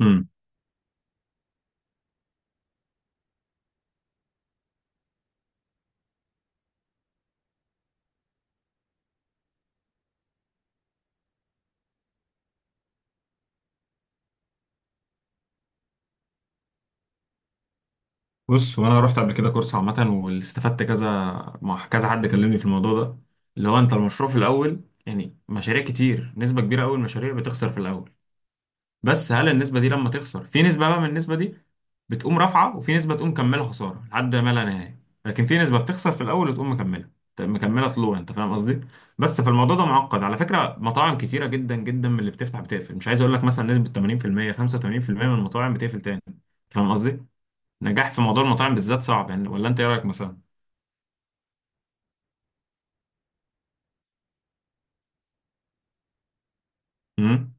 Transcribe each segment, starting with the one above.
امم بص، وانا رحت قبل كده كورس عامه واستفدت كذا. مع كذا حد كلمني في الموضوع ده، اللي هو انت المشروع في الاول، يعني مشاريع كتير، نسبه كبيره قوي من المشاريع بتخسر في الاول. بس هل النسبه دي لما تخسر، في نسبه بقى من النسبه دي بتقوم رافعه، وفي نسبه تقوم مكمله خساره لحد ما لا نهايه. لكن في نسبه بتخسر في الاول وتقوم مكمله، مكمله طلوع، انت فاهم قصدي؟ بس فالموضوع ده معقد على فكره. مطاعم كتيره جدا جدا من اللي بتفتح بتقفل، مش عايز اقول لك مثلا نسبه 80%، 85% من المطاعم بتقفل تاني. أنت فاهم قصدي؟ نجاح في موضوع المطاعم بالذات صعب يعني، ولا انت ايه رايك مثلا؟ امم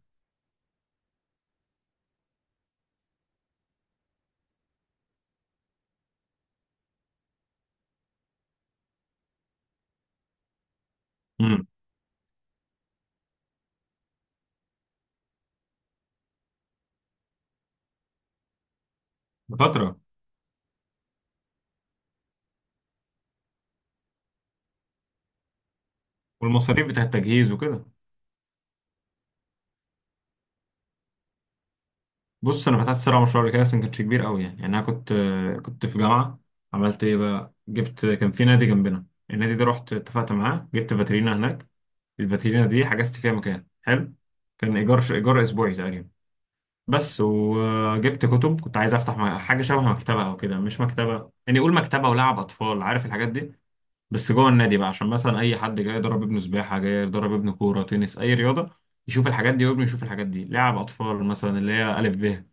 امم فتره. والمصاريف بتاعه التجهيز وكده. بص، انا فتحت صراحه مشروع قبل كده، بس ما كانش كبير قوي يعني. يعني انا كنت في جامعه. عملت ايه بقى، جبت، كان في نادي جنبنا، النادي ده رحت اتفقت معاه، جبت فاترينا هناك. الفاترينا دي حجزت فيها مكان حلو، كان ايجار، ايجار اسبوعي تقريبا بس. وجبت كتب، كنت عايز افتح حاجه شبه مكتبه او كده، مش مكتبه يعني، قول مكتبه ولعب اطفال، عارف الحاجات دي. بس جوه النادي بقى، عشان مثلا اي حد جاي يضرب ابنه سباحه، جاي يضرب ابنه كوره، تنس، اي رياضه، يشوف الحاجات دي، وابنه يشوف الحاجات دي، لعب اطفال مثلا، اللي هي الف ب،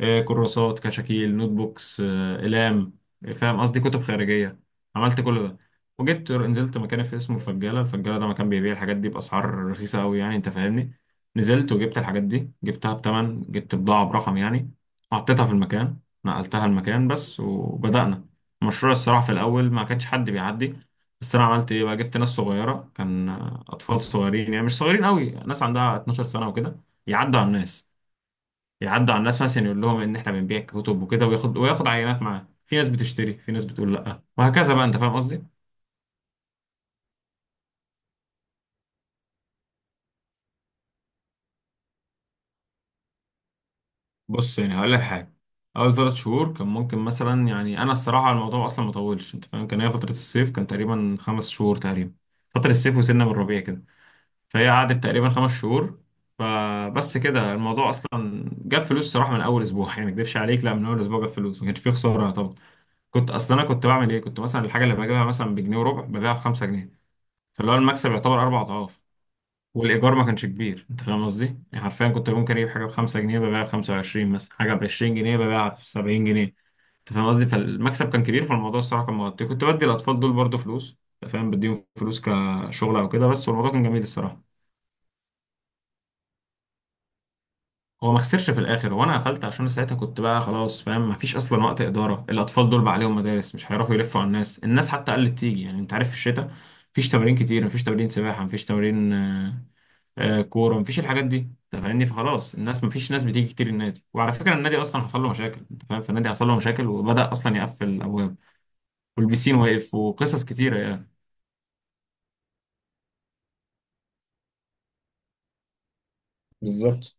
كراسات، كشاكيل، نوت بوكس، اقلام، فاهم قصدي، كتب خارجيه. عملت كل ده، وجبت، نزلت مكان في اسمه الفجاله، الفجاله ده مكان بيبيع الحاجات دي باسعار رخيصه قوي يعني، انت فاهمني. نزلت وجبت الحاجات دي، جبتها بتمن، جبت بضاعه برقم يعني. حطيتها في المكان، نقلتها المكان بس، وبدأنا المشروع. الصراحه في الاول ما كانش حد بيعدي، بس انا عملت ايه بقى، جبت ناس صغيره، كان اطفال صغيرين يعني، مش صغيرين قوي، ناس عندها 12 سنه وكده، يعدوا على الناس، يعدوا على الناس، مثلا يقول لهم ان احنا بنبيع كتب وكده، وياخد، وياخد عينات معاه. في ناس بتشتري، في ناس بتقول لا، وهكذا بقى، انت فاهم قصدي. بص يعني هقول لك حاجه، اول ثلاث شهور كان ممكن مثلا، يعني انا الصراحه الموضوع اصلا ما طولش، انت فاهم، كان هي فتره الصيف، كان تقريبا خمس شهور تقريبا، فتره الصيف وسنه من الربيع كده. فهي قعدت تقريبا خمس شهور. فبس كده الموضوع اصلا جاب فلوس صراحه من اول اسبوع، يعني ما اكدبش عليك، لا، من اول اسبوع جاب فلوس، ما كانش فيه خساره طبعا. كنت اصلا، انا كنت بعمل ايه، كنت مثلا الحاجه اللي بجيبها مثلا بجنيه وربع ببيعها ب 5 جنيه، فاللي هو المكسب يعتبر اربع اضعاف. والايجار ما كانش كبير، انت فاهم قصدي. يعني حرفيا كنت ممكن اجيب حاجه ب 5 جنيه ببيعها ب 25 مثلا، حاجه ب 20 جنيه ببيعها ب 70 جنيه، انت فاهم قصدي. فالمكسب كان كبير، فالموضوع الصراحه كان مغطي. كنت بدي الاطفال دول برضو فلوس، انت فاهم، بديهم فلوس كشغل او كده بس، والموضوع كان جميل الصراحه. هو ما خسرش في الاخر، وانا قفلت عشان ساعتها كنت بقى خلاص، فاهم، ما فيش اصلا وقت اداره. الاطفال دول بقى عليهم مدارس، مش هيعرفوا يلفوا على الناس. الناس حتى قلت تيجي يعني، انت عارف في الشتاء مفيش تمارين كتير، مفيش تمارين سباحه، مفيش تمارين كوره، مفيش الحاجات دي، انت فاهمني. فخلاص الناس، مفيش ناس بتيجي كتير النادي، وعلى فكره النادي اصلا حصل له مشاكل، انت فاهم. فالنادي حصل له مشاكل، وبدا اصلا يقفل الابواب، والبيسين واقف، وقصص كتيره يعني. بالظبط.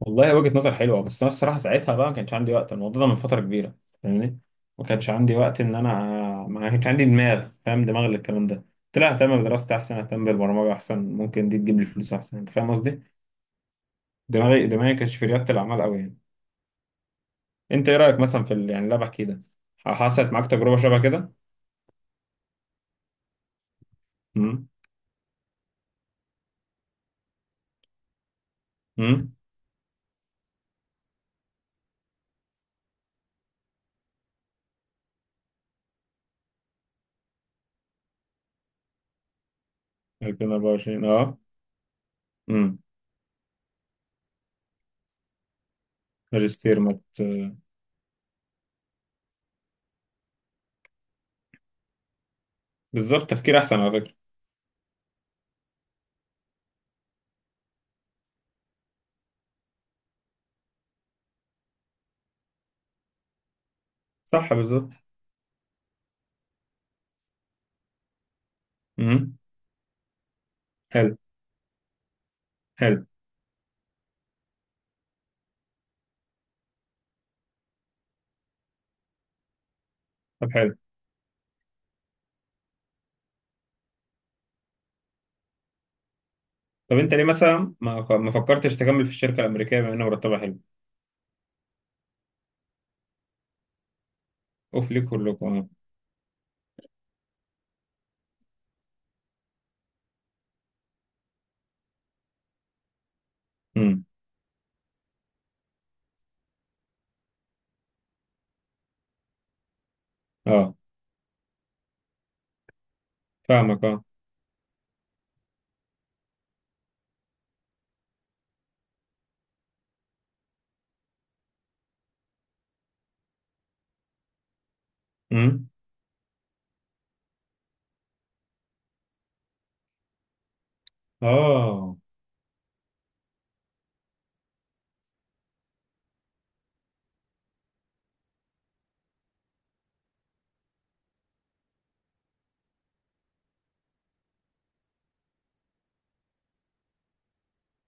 والله وجهة نظر حلوة، بس أنا الصراحة ساعتها بقى ما كانش عندي وقت، الموضوع ده من فترة كبيرة، فاهمني. ما كانش عندي وقت إن أنا، ما كانش عندي دماغ، فاهم، دماغ للكلام ده. قلت لها أهتم بدراستي أحسن، أهتم بالبرمجة أحسن، ممكن دي تجيب لي فلوس أحسن، أنت فاهم قصدي. دماغي ما كانتش في ريادة الأعمال أوي يعني. أنت إيه رأيك مثلا في يعني اللي أنا بحكيه ده، حصلت معاك تجربة شبه كده؟ امم. امم. 2024، أه. امم. ماجستير بالظبط، تفكير أحسن على فكرة. صح، بالظبط. امم. حلو، حلو. طب حلو. طب انت ليه مثلا ما فكرتش تكمل في الشركه الامريكيه، بما ان مرتبها حلو؟ اوف ليك كلكم، اه. امم. اه، فاهمك، اه. امم. اه،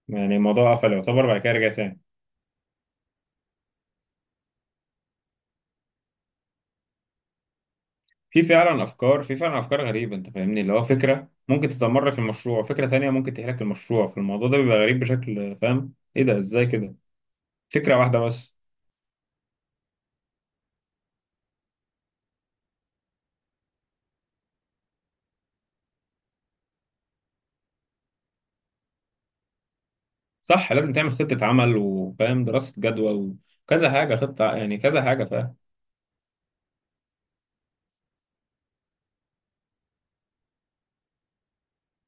يعني الموضوع قفل يعتبر، بعد كده رجع تاني. في فعلا افكار غريبه، انت فاهمني، اللي هو فكره ممكن تدمر لك المشروع، فكره تانية ممكن تحلك المشروع. فالموضوع ده بيبقى غريب بشكل، فاهم، ايه ده، ازاي كده، فكره واحده بس. صح، لازم تعمل خطه عمل، وفاهم، دراسه جدوى، وكذا حاجه، خطه يعني، كذا حاجه، فاهم.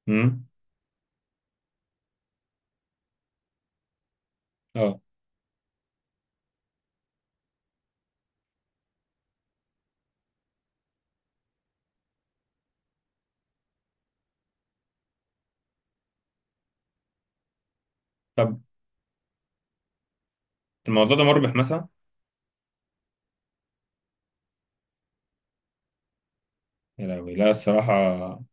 امم. اه. طب الموضوع ده مربح مثلا؟ يا لهوي، لا الصراحة،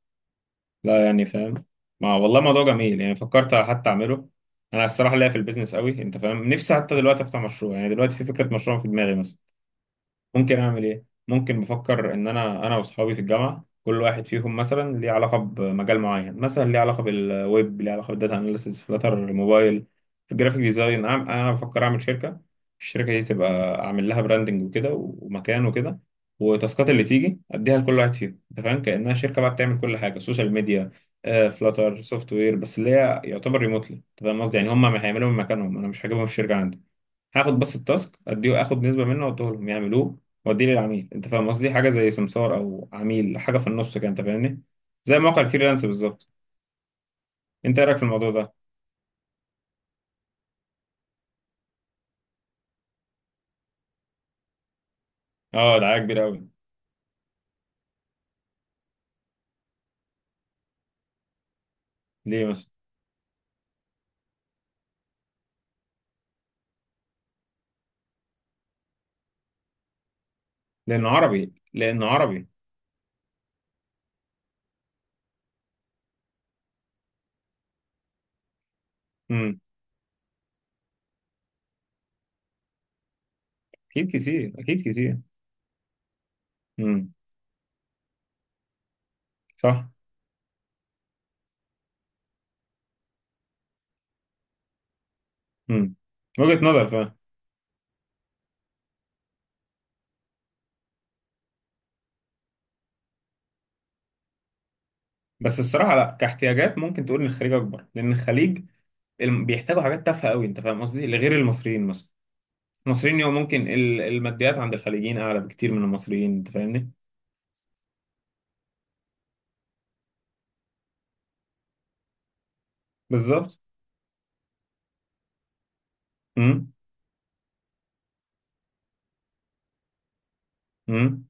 لا يعني، فاهم، ما والله موضوع جميل يعني، فكرت حتى أعمله. أنا الصراحة ليا في البيزنس قوي، أنت فاهم، نفسي حتى دلوقتي أفتح مشروع، يعني دلوقتي في فكرة مشروع في دماغي مثلا. ممكن اعمل ايه؟ ممكن بفكر ان انا، انا واصحابي في الجامعه، كل واحد فيهم مثلا ليه علاقه بمجال معين، مثلا ليه علاقه بالويب، ليه علاقه بالداتا اناليسيس، فلاتر موبايل، في الجرافيك ديزاين، انا، أنا بفكر اعمل شركه. الشركه دي تبقى اعمل لها براندنج وكده، ومكان وكده، والتاسكات اللي تيجي اديها لكل واحد فيهم. انت فاهم، كانها شركه بقى بتعمل كل حاجه، سوشيال ميديا، فلاتر، سوفت وير، بس اللي هي يعتبر ريموتلي، انت فاهم قصدي، يعني هم ما هيعملوا من مكانهم، انا مش هجيبهم الشركه عندي، هاخد بس التاسك، اديه، اخد نسبه منه واديه لهم يعملوه، واديه للعميل، انت فاهم قصدي. حاجه زي سمسار، او عميل، حاجه في النص كده، انت فاهمني، زي موقع الفريلانس بالظبط. انت ايه رايك في الموضوع ده؟ اه، دعايه كبيره قوي. ليه مثلا؟ لانه عربي، لانه عربي. امم. اكيد كتير، اكيد كتير. امم، صح. امم. وجهه نظر، فاهم. بس الصراحه لا، كاحتياجات ممكن تقول ان الخليج اكبر، لان الخليج، بيحتاجوا حاجات تافهه قوي، انت فاهم قصدي، لغير المصريين مثلا. المصريين يوم، ممكن الماديات عند الخليجيين اعلى بكتير من المصريين، انت فاهمني. بالظبط. امم. امم.